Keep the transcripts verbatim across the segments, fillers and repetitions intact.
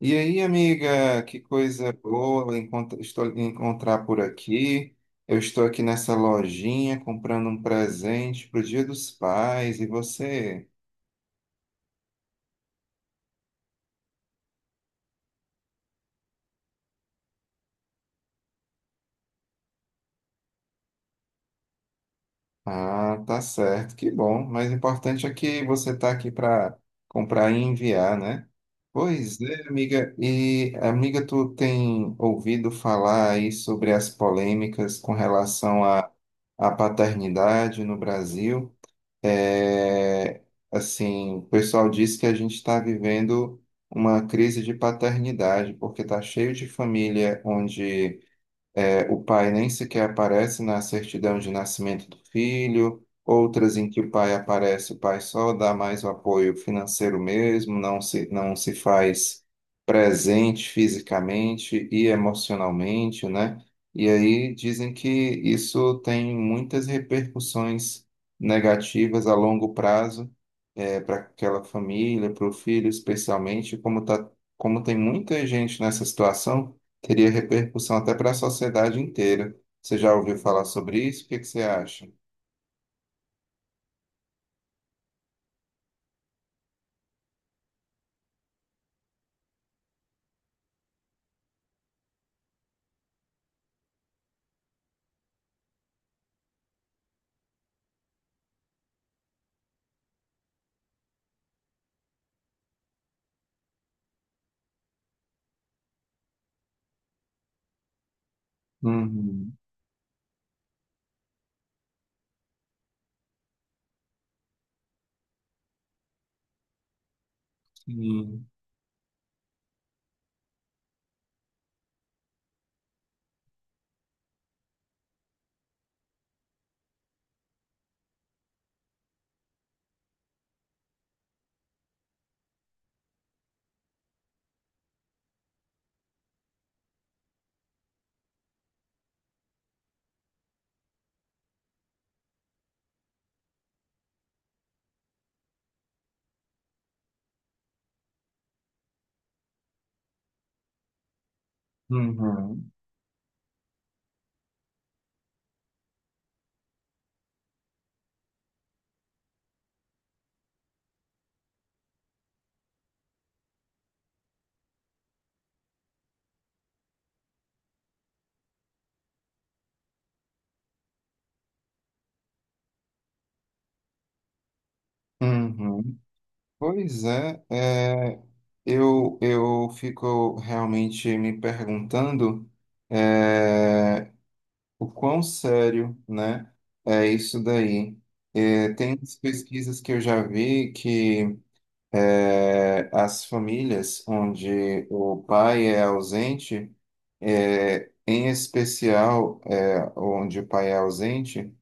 E aí, amiga, que coisa boa encont- estou encontrar por aqui. Eu estou aqui nessa lojinha comprando um presente para o Dia dos Pais. E você? Ah, tá certo, que bom. Mas o importante é que você está aqui para comprar e enviar, né? Pois é, amiga. E, amiga, tu tem ouvido falar aí sobre as polêmicas com relação à à paternidade no Brasil? É, assim, o pessoal diz que a gente está vivendo uma crise de paternidade, porque está cheio de família onde é, o pai nem sequer aparece na certidão de nascimento do filho, outras em que o pai aparece, o pai só dá mais o apoio financeiro mesmo, não se, não se faz presente fisicamente e emocionalmente, né? E aí dizem que isso tem muitas repercussões negativas a longo prazo, para aquela família, para o filho especialmente, como tá, como tem muita gente nessa situação. Teria repercussão até para a sociedade inteira. Você já ouviu falar sobre isso? O que que você acha? Uhum, sim. Uhum, uhum. Pois é, é, eu, eu fico realmente me perguntando é, o quão sério, né, é isso daí. É, tem umas pesquisas que eu já vi que é, as famílias onde o pai é ausente. É, em especial, é, onde o pai é ausente,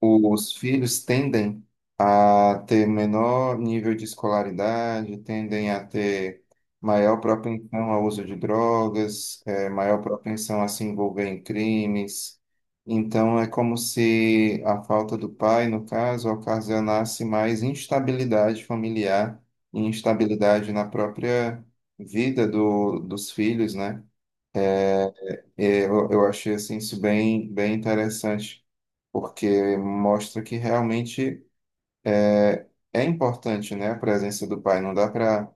os filhos tendem a ter menor nível de escolaridade, tendem a ter maior propensão ao uso de drogas, é, maior propensão a se envolver em crimes. Então, é como se a falta do pai, no caso, ocasionasse mais instabilidade familiar e instabilidade na própria vida do, dos filhos, né? É, Eu, eu achei assim, isso bem, bem interessante, porque mostra que realmente é importante, né, a presença do pai. Não dá para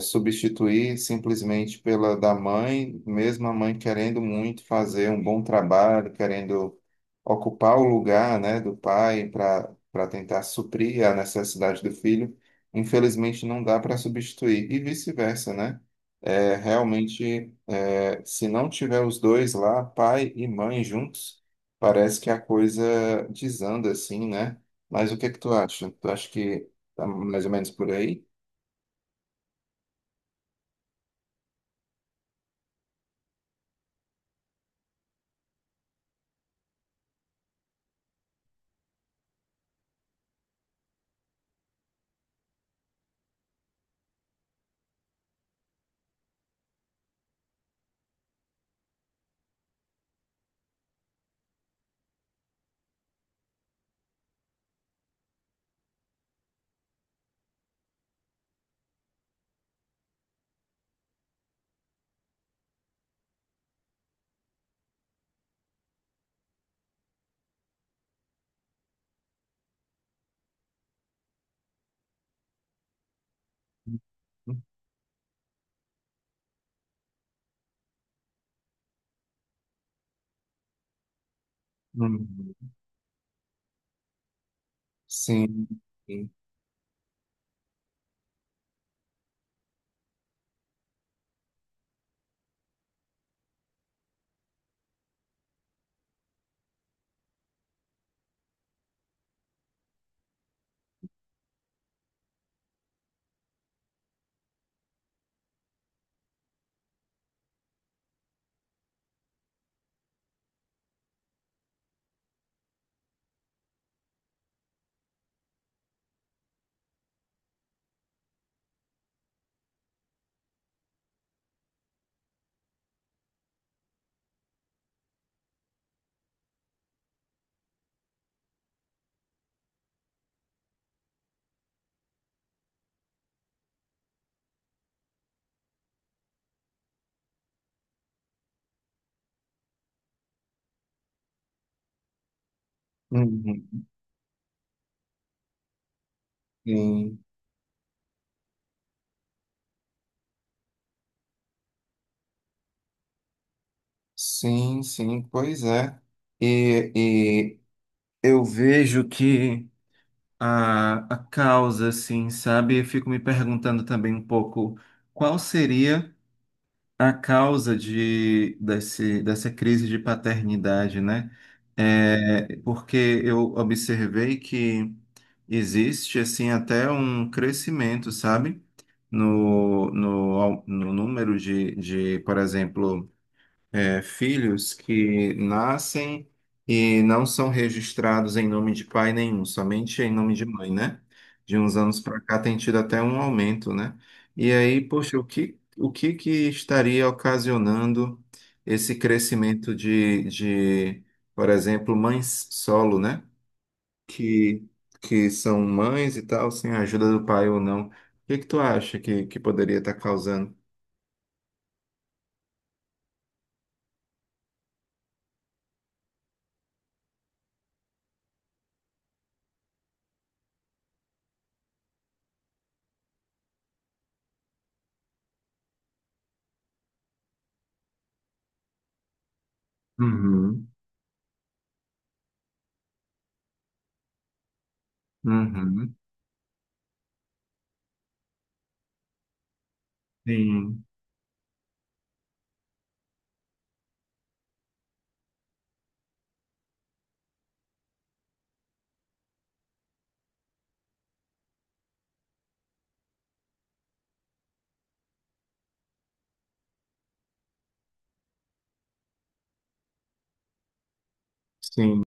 substituir simplesmente pela da mãe, mesmo a mãe querendo muito fazer um bom trabalho, querendo ocupar o lugar, né, do pai para para tentar suprir a necessidade do filho. Infelizmente, não dá para substituir e vice-versa, né? É, realmente, é, se não tiver os dois lá, pai e mãe juntos, parece que a coisa desanda assim, né? Mas o que que tu acha? Tu acha que tá mais ou menos por aí. Uhum. Sim, sim, uhum, sim, sim, sim, pois é. E, e eu vejo que a, a causa, assim, sabe? Eu fico me perguntando também um pouco qual seria a causa de, desse, dessa crise de paternidade, né? É, porque eu observei que existe, assim, até um crescimento, sabe? No, no, no número de, de, por exemplo, é, filhos que nascem e não são registrados em nome de pai nenhum, somente em nome de mãe, né? De uns anos para cá tem tido até um aumento, né? E aí, poxa, o que, o que que estaria ocasionando esse crescimento de, de, por exemplo, mães solo, né? Que, que são mães e tal, sem a ajuda do pai ou não. O que que tu acha que, que poderia estar causando? Uhum, uhum. Sim, sim.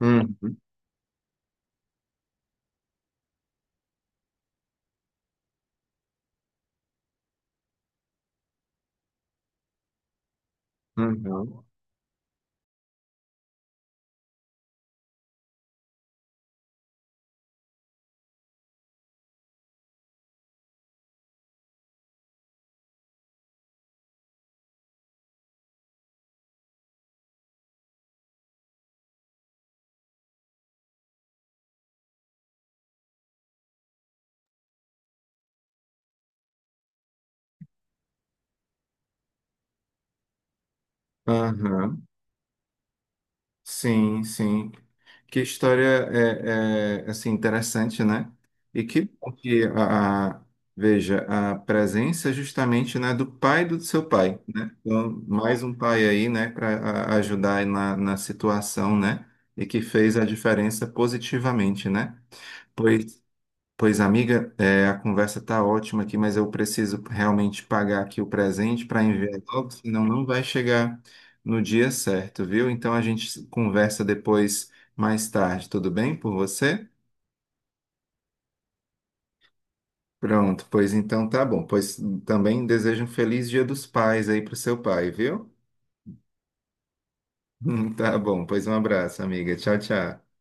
Uhum, uhum, uhum. Sim, sim. Que história é, é, assim interessante, né? E que bom que a, a- veja a presença justamente, né, do pai do seu pai, né? Então, mais um pai aí, né, para ajudar aí na, na situação, né? E que fez a diferença positivamente, né? Pois, pois, amiga, é, a conversa tá ótima aqui, mas eu preciso realmente pagar aqui o presente para enviar logo, senão não vai chegar no dia certo, viu? Então a gente conversa depois, mais tarde, tudo bem por você? Pronto, pois então tá bom. Pois também desejo um feliz Dia dos Pais aí pro seu pai, viu? Tá bom, pois um abraço, amiga. Tchau, tchau.